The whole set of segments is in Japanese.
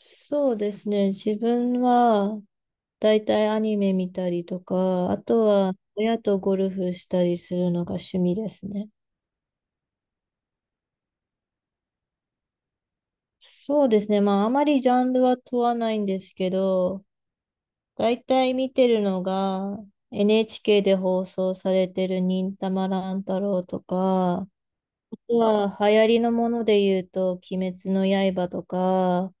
そうですね。自分は、だいたいアニメ見たりとか、あとは親とゴルフしたりするのが趣味ですね。そうですね。まあ、あまりジャンルは問わないんですけど、だいたい見てるのが、NHK で放送されてる忍たま乱太郎とか、あとは流行りのもので言うと、鬼滅の刃とか、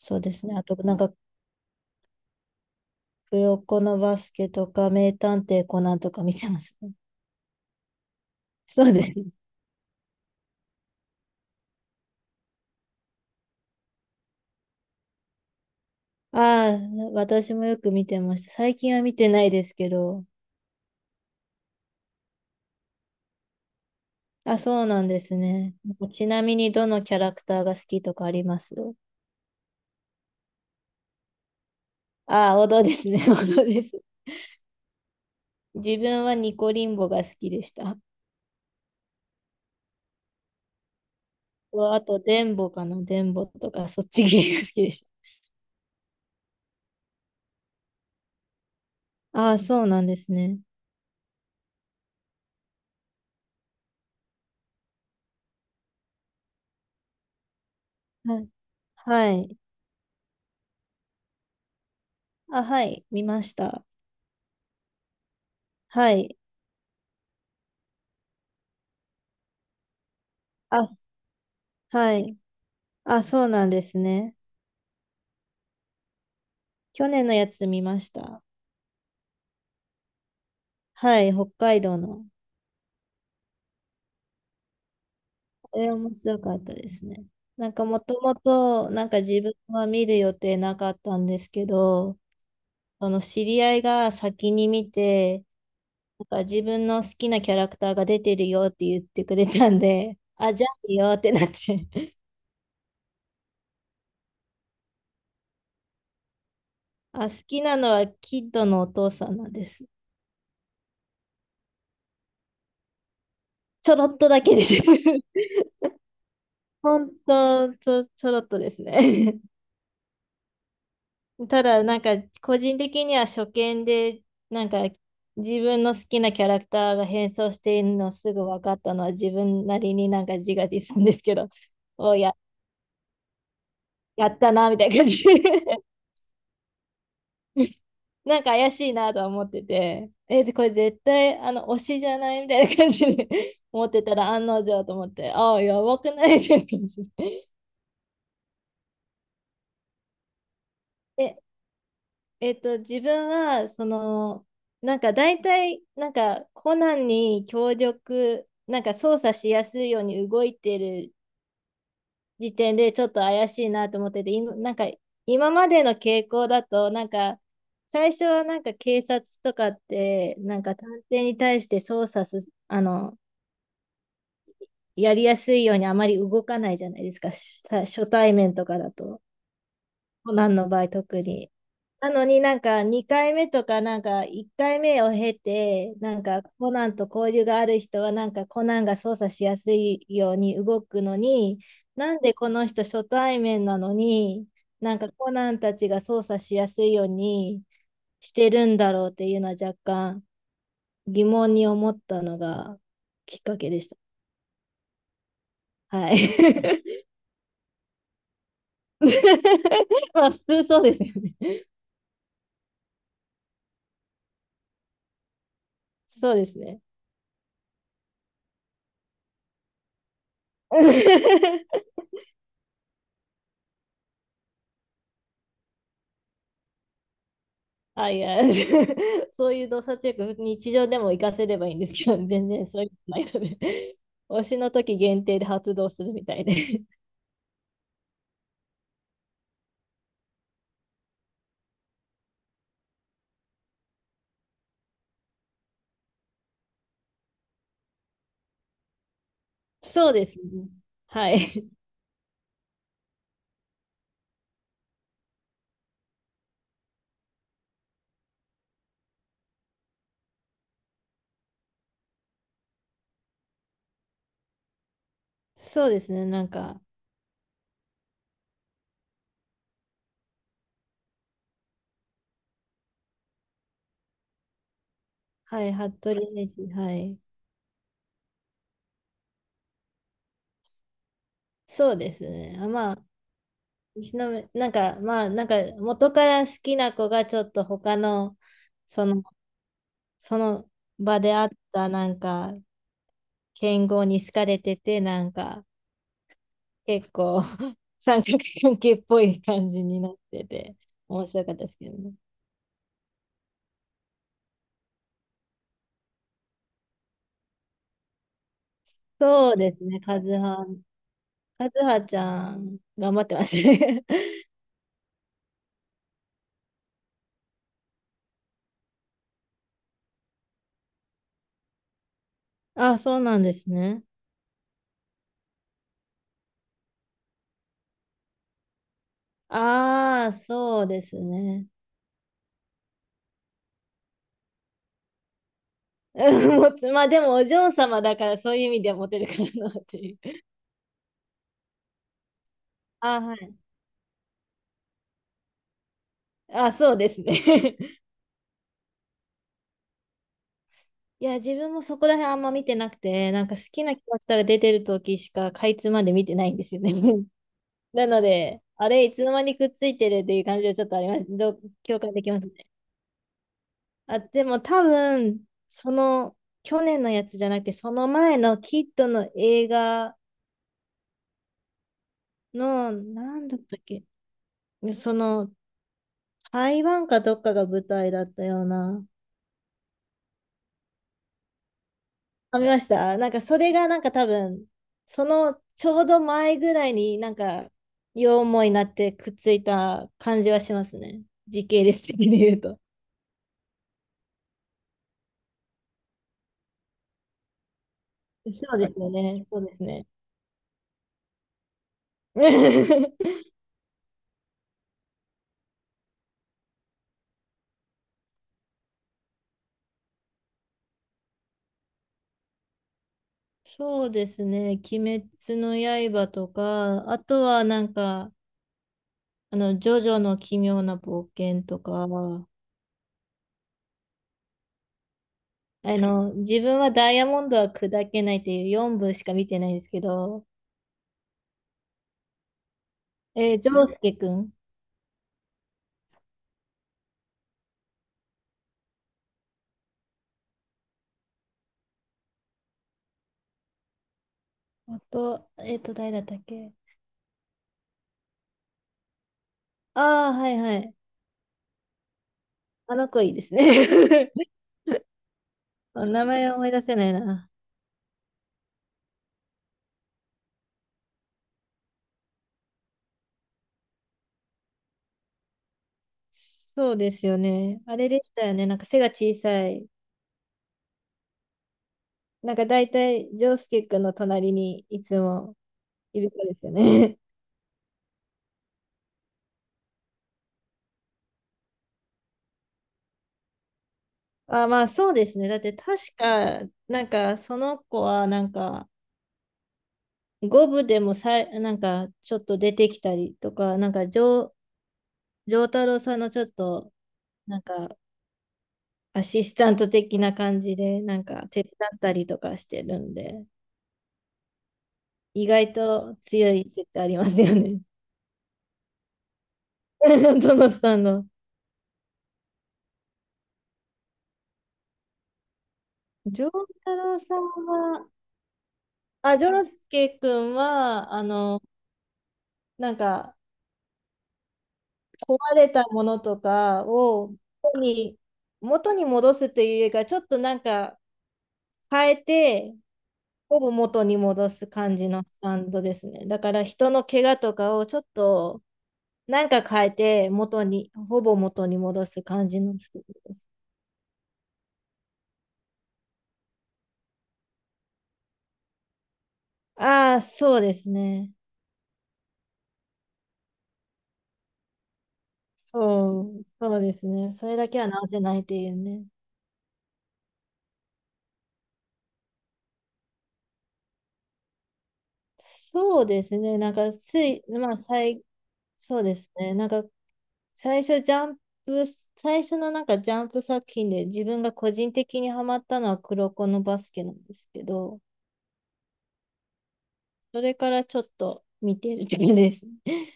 そうですね。あと、なんか、黒子のバスケとか、名探偵コナンとか見てますね。そうですね。 ああ、私もよく見てました。最近は見てないですけど。あ、そうなんですね。ちなみにどのキャラクターが好きとかあります？ああ、王道ですね。王道です。自分はニコリンボが好きでした。あと、デンボかな。デンボとか、そっち系が好きでした。ああ、そうなんですね。はい。はい。あ、はい。見ました。はい。あ、はい。あ、そうなんですね。去年のやつ見ました。はい。北海道の。面白かったですね。なんかもともと、なんか自分は見る予定なかったんですけど、その知り合いが先に見て、なんか自分の好きなキャラクターが出てるよって言ってくれたんで、あ、じゃあいいよってなって。あ、好きなのはキッドのお父さんなんです。ちょろっとだけです。本当、ちょろっとですね。ただ、なんか、個人的には初見で、なんか、自分の好きなキャラクターが変装しているのすぐ分かったのは、自分なりになんか自画自賛ですけど、おや、やったな、みたいな感じ。なんか怪しいなとは思ってて、でこれ絶対、推しじゃないみたいな感じで 思ってたら、案の定と思って、ああ、やばくないみたいな感じで。え、自分は、その、なんか大体、なんかコナンに協力、なんか操作しやすいように動いてる時点でちょっと怪しいなと思ってて、今なんか今までの傾向だと、なんか最初はなんか警察とかって、なんか探偵に対して操作す、あの、やりやすいようにあまり動かないじゃないですか、し初対面とかだと、コナンの場合特に。なのになんか2回目とかなんか1回目を経てなんかコナンと交流がある人はなんかコナンが操作しやすいように動くのになんでこの人初対面なのになんかコナンたちが操作しやすいようにしてるんだろうっていうのは若干疑問に思ったのがきっかけでした。はい。まあ普通そうですよね。そうですね。あ、いや、そういう洞察力、日常でも活かせればいいんですけど、全然そういうのないので、推しの時限定で発動するみたいで。そうですね。はい。そうですね。なんか、はい、服部選手、はい。そうですね。あ、まあ、石の宮なんか、まあ、なんか、元から好きな子がちょっと他の、その、その場であった、なんか、剣豪に好かれてて、なんか、結構 三角関係っぽい感じになってて、面白かったですけどね。そうですね、カズハちゃん、頑張ってましたね。あ、そうなんですね。ああ、そうですね。うんもつまあでもお嬢様だからそういう意味ではモテるかなっていう。あー、はい。あ、そうですね。いや、自分もそこら辺あんま見てなくて、なんか好きなキャラクターが出てる時しかかいつまで見てないんですよね。なので、あれ、いつの間にくっついてるっていう感じはちょっとあります。どう共感できますね。あ、でも多分、その、去年のやつじゃなくて、その前のキッドの映画の、なんだったっけ、その、台湾かどっかが舞台だったような。あ、見ましたなんか、それがなんか多分、その、ちょうど前ぐらいになんか、両思いになってくっついた感じはしますね。時系列的に言うと。そうですよね。そうですね。そうですね。鬼滅の刃とか、あとはなんか、あの、ジョジョの奇妙な冒険とか、あの、自分はダイヤモンドは砕けないっていう4部しか見てないんですけど、ジョウスケくん。あと、誰だったっけ？ああー、はいはい。あの子いいですね。名前思い出せないな。そうですよね。あれでしたよね。なんか背が小さい。なんか大体、ジョウスケくんの隣にいつもいる子ですよね。あ、まあそうですね。だって確か、なんかその子はなんか五部でもなんかちょっと出てきたりとか、なんか丈太郎さんのちょっとなんかアシスタント的な感じでなんか手伝ったりとかしてるんで、意外と強い説ありますよね。どのさんの。丈太郎さんは、丈介くんは、あの、なんか壊れたものとかを元に、元に戻すというよりか、ちょっとなんか変えて、ほぼ元に戻す感じのスタンドですね。だから人の怪我とかをちょっとなんか変えて、元に、ほぼ元に戻す感じのスタンドです。ああ、そうですね。そうですね。それだけは直せないっていうね。そうですね。なんかつい、まあ、そうですね。なんか最初ジャンプ、最初のなんかジャンプ作品で自分が個人的にハマったのは黒子のバスケなんですけど、それからちょっと見てるって感じですね。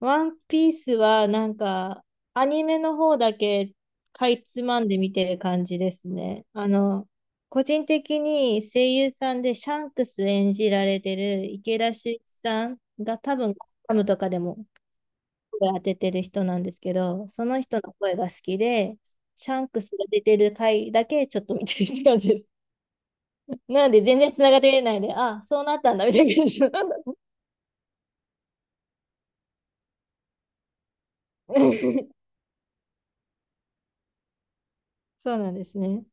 ワンピースはなんかアニメの方だけかいつまんで見てる感じですね。あの、個人的に声優さんでシャンクス演じられてる池田秀一さんが多分コムとかでも声当ててる人なんですけど、その人の声が好きで、シャンクスが出てる回だけちょっと見てる感じです。なので全然つながってないで、あ、そうなったんだみたいな感じ。そうなんですね。